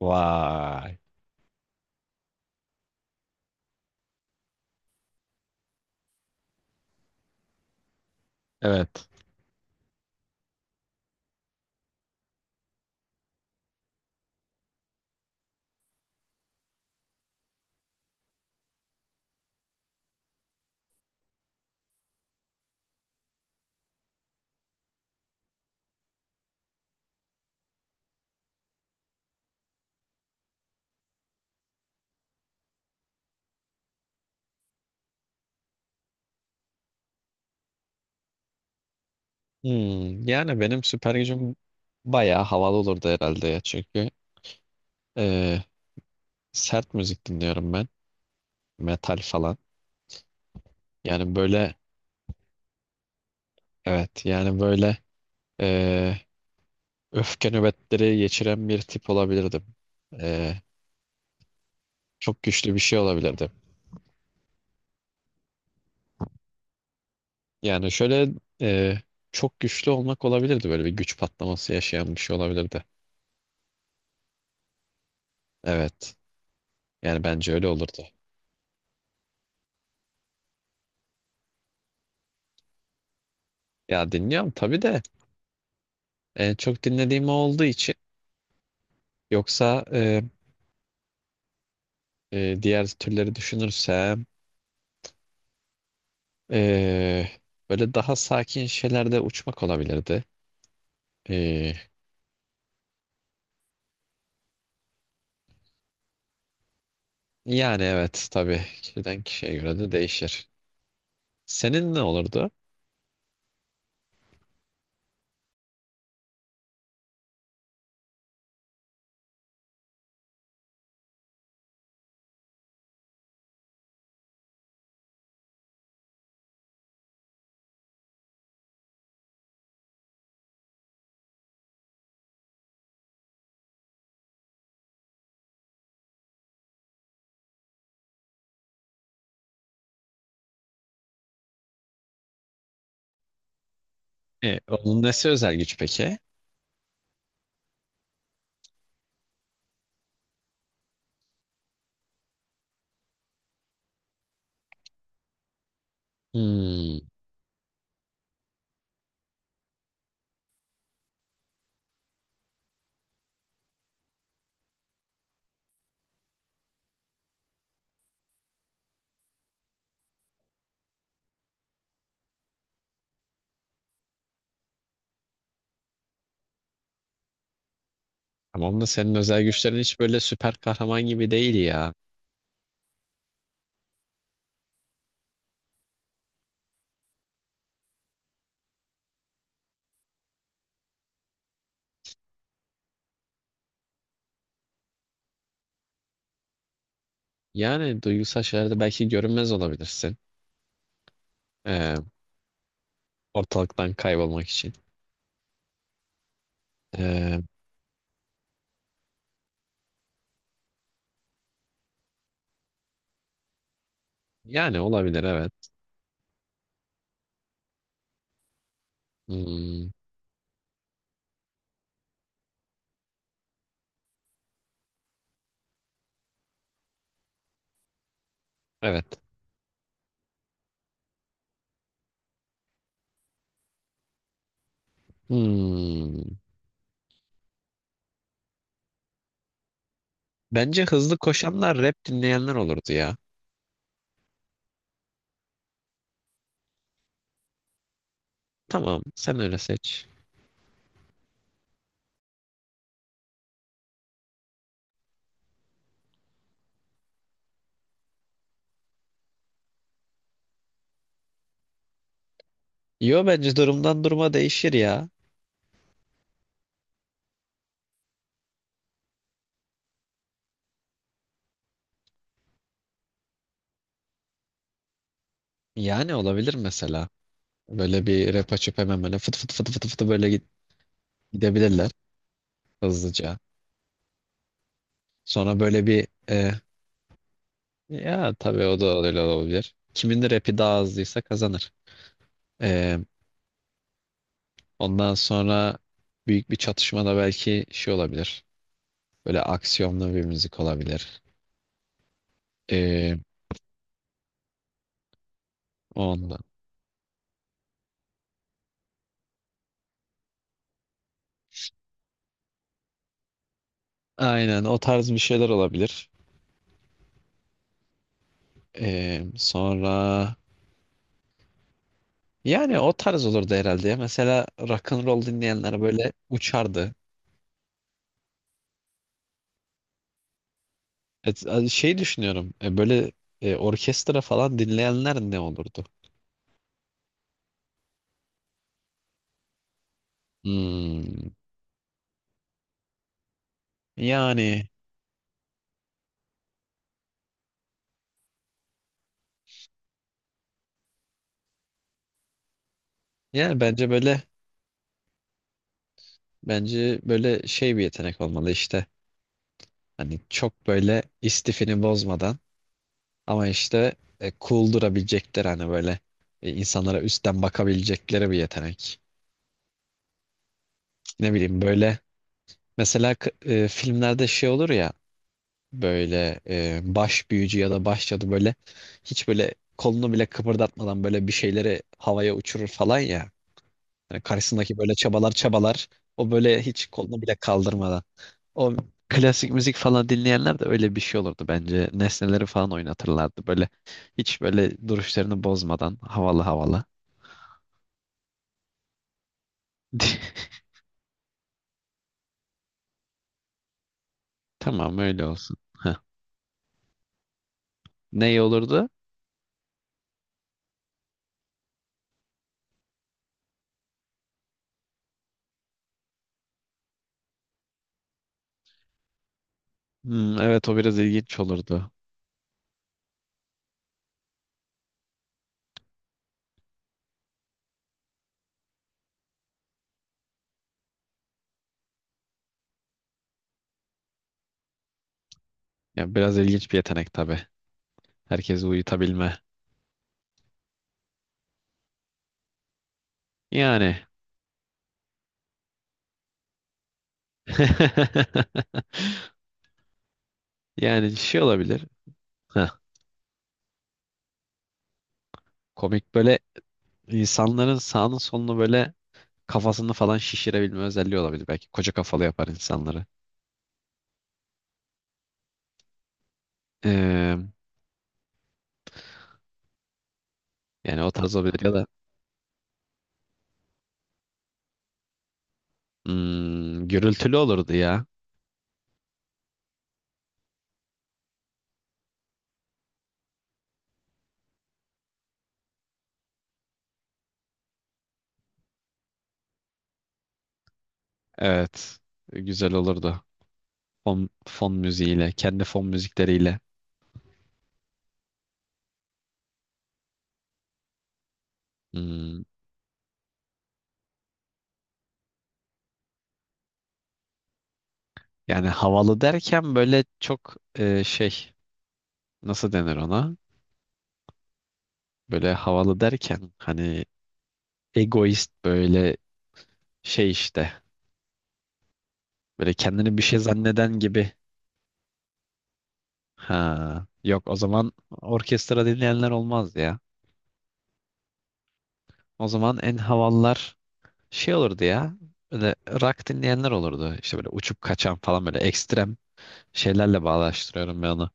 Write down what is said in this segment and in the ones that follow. Vay. Evet. Hmm, yani benim süper gücüm bayağı havalı olurdu herhalde ya çünkü eee, sert müzik dinliyorum ben. Metal falan. Yani böyle evet yani böyle eee, öfke nöbetleri geçiren bir tip olabilirdim. Eee, çok güçlü bir şey olabilirdim. Yani şöyle eee, çok güçlü olmak olabilirdi, böyle bir güç patlaması yaşayan bir şey olabilirdi. Evet. Yani bence öyle olurdu. Ya dinliyorum tabii de, en çok dinlediğim o olduğu için. Yoksa diğer türleri düşünürsem, e, böyle daha sakin şeylerde uçmak olabilirdi. E, yani evet tabii kişiden kişiye göre de değişir. Senin ne olurdu? Onun nesi özel güç peki? Hmm, tamam da senin özel güçlerin hiç böyle süper kahraman gibi değil ya. Yani duygusal şeylerde belki görünmez olabilirsin. E, ortalıktan kaybolmak için. E, yani olabilir evet. Hmm, evet. Hmm. Bence hızlı koşanlar rap dinleyenler olurdu ya. Tamam, sen öyle seç. Yo, bence durumdan duruma değişir ya. Yani olabilir mesela. Böyle bir rap açıp hemen böyle fıt fıt fıt fıt fıt böyle gidebilirler hızlıca. Sonra böyle bir ya tabii o da öyle olabilir. Kimin de rapi daha hızlıysa kazanır. E, ondan sonra büyük bir çatışmada belki şey olabilir. Böyle aksiyonlu bir müzik olabilir. E, ondan. Aynen o tarz bir şeyler olabilir. Sonra yani o tarz olurdu herhalde ya. Mesela rock and roll dinleyenler böyle uçardı. Et, şey düşünüyorum. Böyle orkestra falan dinleyenler ne olurdu? Hmm, yani yani bence böyle şey bir yetenek olmalı işte. Hani çok böyle istifini bozmadan ama işte cool durabilecekler, hani böyle insanlara üstten bakabilecekleri bir yetenek. Ne bileyim böyle mesela filmlerde şey olur ya, böyle baş büyücü ya da baş cadı böyle hiç böyle kolunu bile kıpırdatmadan böyle bir şeyleri havaya uçurur falan ya. Yani karşısındaki böyle çabalar çabalar, o böyle hiç kolunu bile kaldırmadan. O klasik müzik falan dinleyenler de öyle bir şey olurdu bence. Nesneleri falan oynatırlardı böyle hiç böyle duruşlarını bozmadan havalı havalı. Tamam öyle olsun. Heh. Ne iyi olurdu? Hmm, evet o biraz ilginç olurdu. Ya biraz ilginç bir yetenek tabii. Herkesi uyutabilme. Yani yani şey olabilir. Heh, komik böyle insanların sağını solunu böyle kafasını falan şişirebilme özelliği olabilir. Belki koca kafalı yapar insanları. Ee, yani o tarz olabilir ya da hmm, gürültülü olurdu ya. Evet. Güzel olurdu. Fon, fon müziğiyle, kendi fon müzikleriyle. Hmm, yani havalı derken böyle çok şey, nasıl denir ona? Böyle havalı derken hani egoist böyle şey işte. Böyle kendini bir şey zanneden gibi. Ha, yok o zaman orkestra dinleyenler olmaz ya. O zaman en havalılar şey olurdu ya. Böyle rock dinleyenler olurdu. İşte böyle uçup kaçan falan böyle ekstrem şeylerle bağdaştırıyorum ben onu.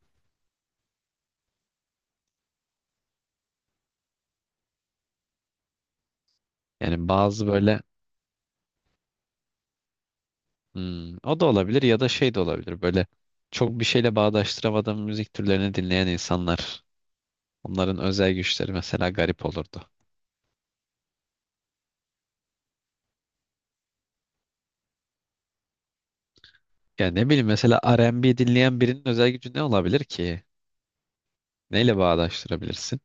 Yani bazı böyle hmm, o da olabilir ya da şey de olabilir. Böyle çok bir şeyle bağdaştıramadığım müzik türlerini dinleyen insanlar. Onların özel güçleri mesela garip olurdu. Yani ne bileyim, mesela R&B dinleyen birinin özel gücü ne olabilir ki? Neyle bağdaştırabilirsin?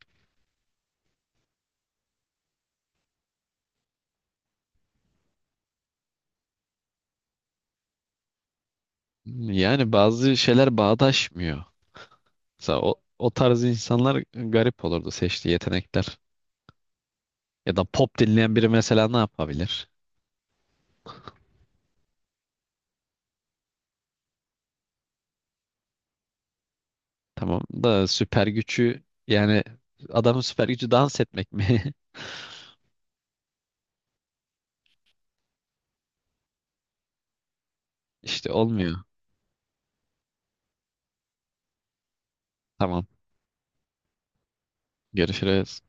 Yani bazı şeyler bağdaşmıyor. Mesela o, o tarz insanlar garip olurdu seçtiği yetenekler. Ya da pop dinleyen biri mesela ne yapabilir? Tamam da süper gücü yani adamın süper gücü dans etmek mi? İşte olmuyor. Tamam. Görüşürüz.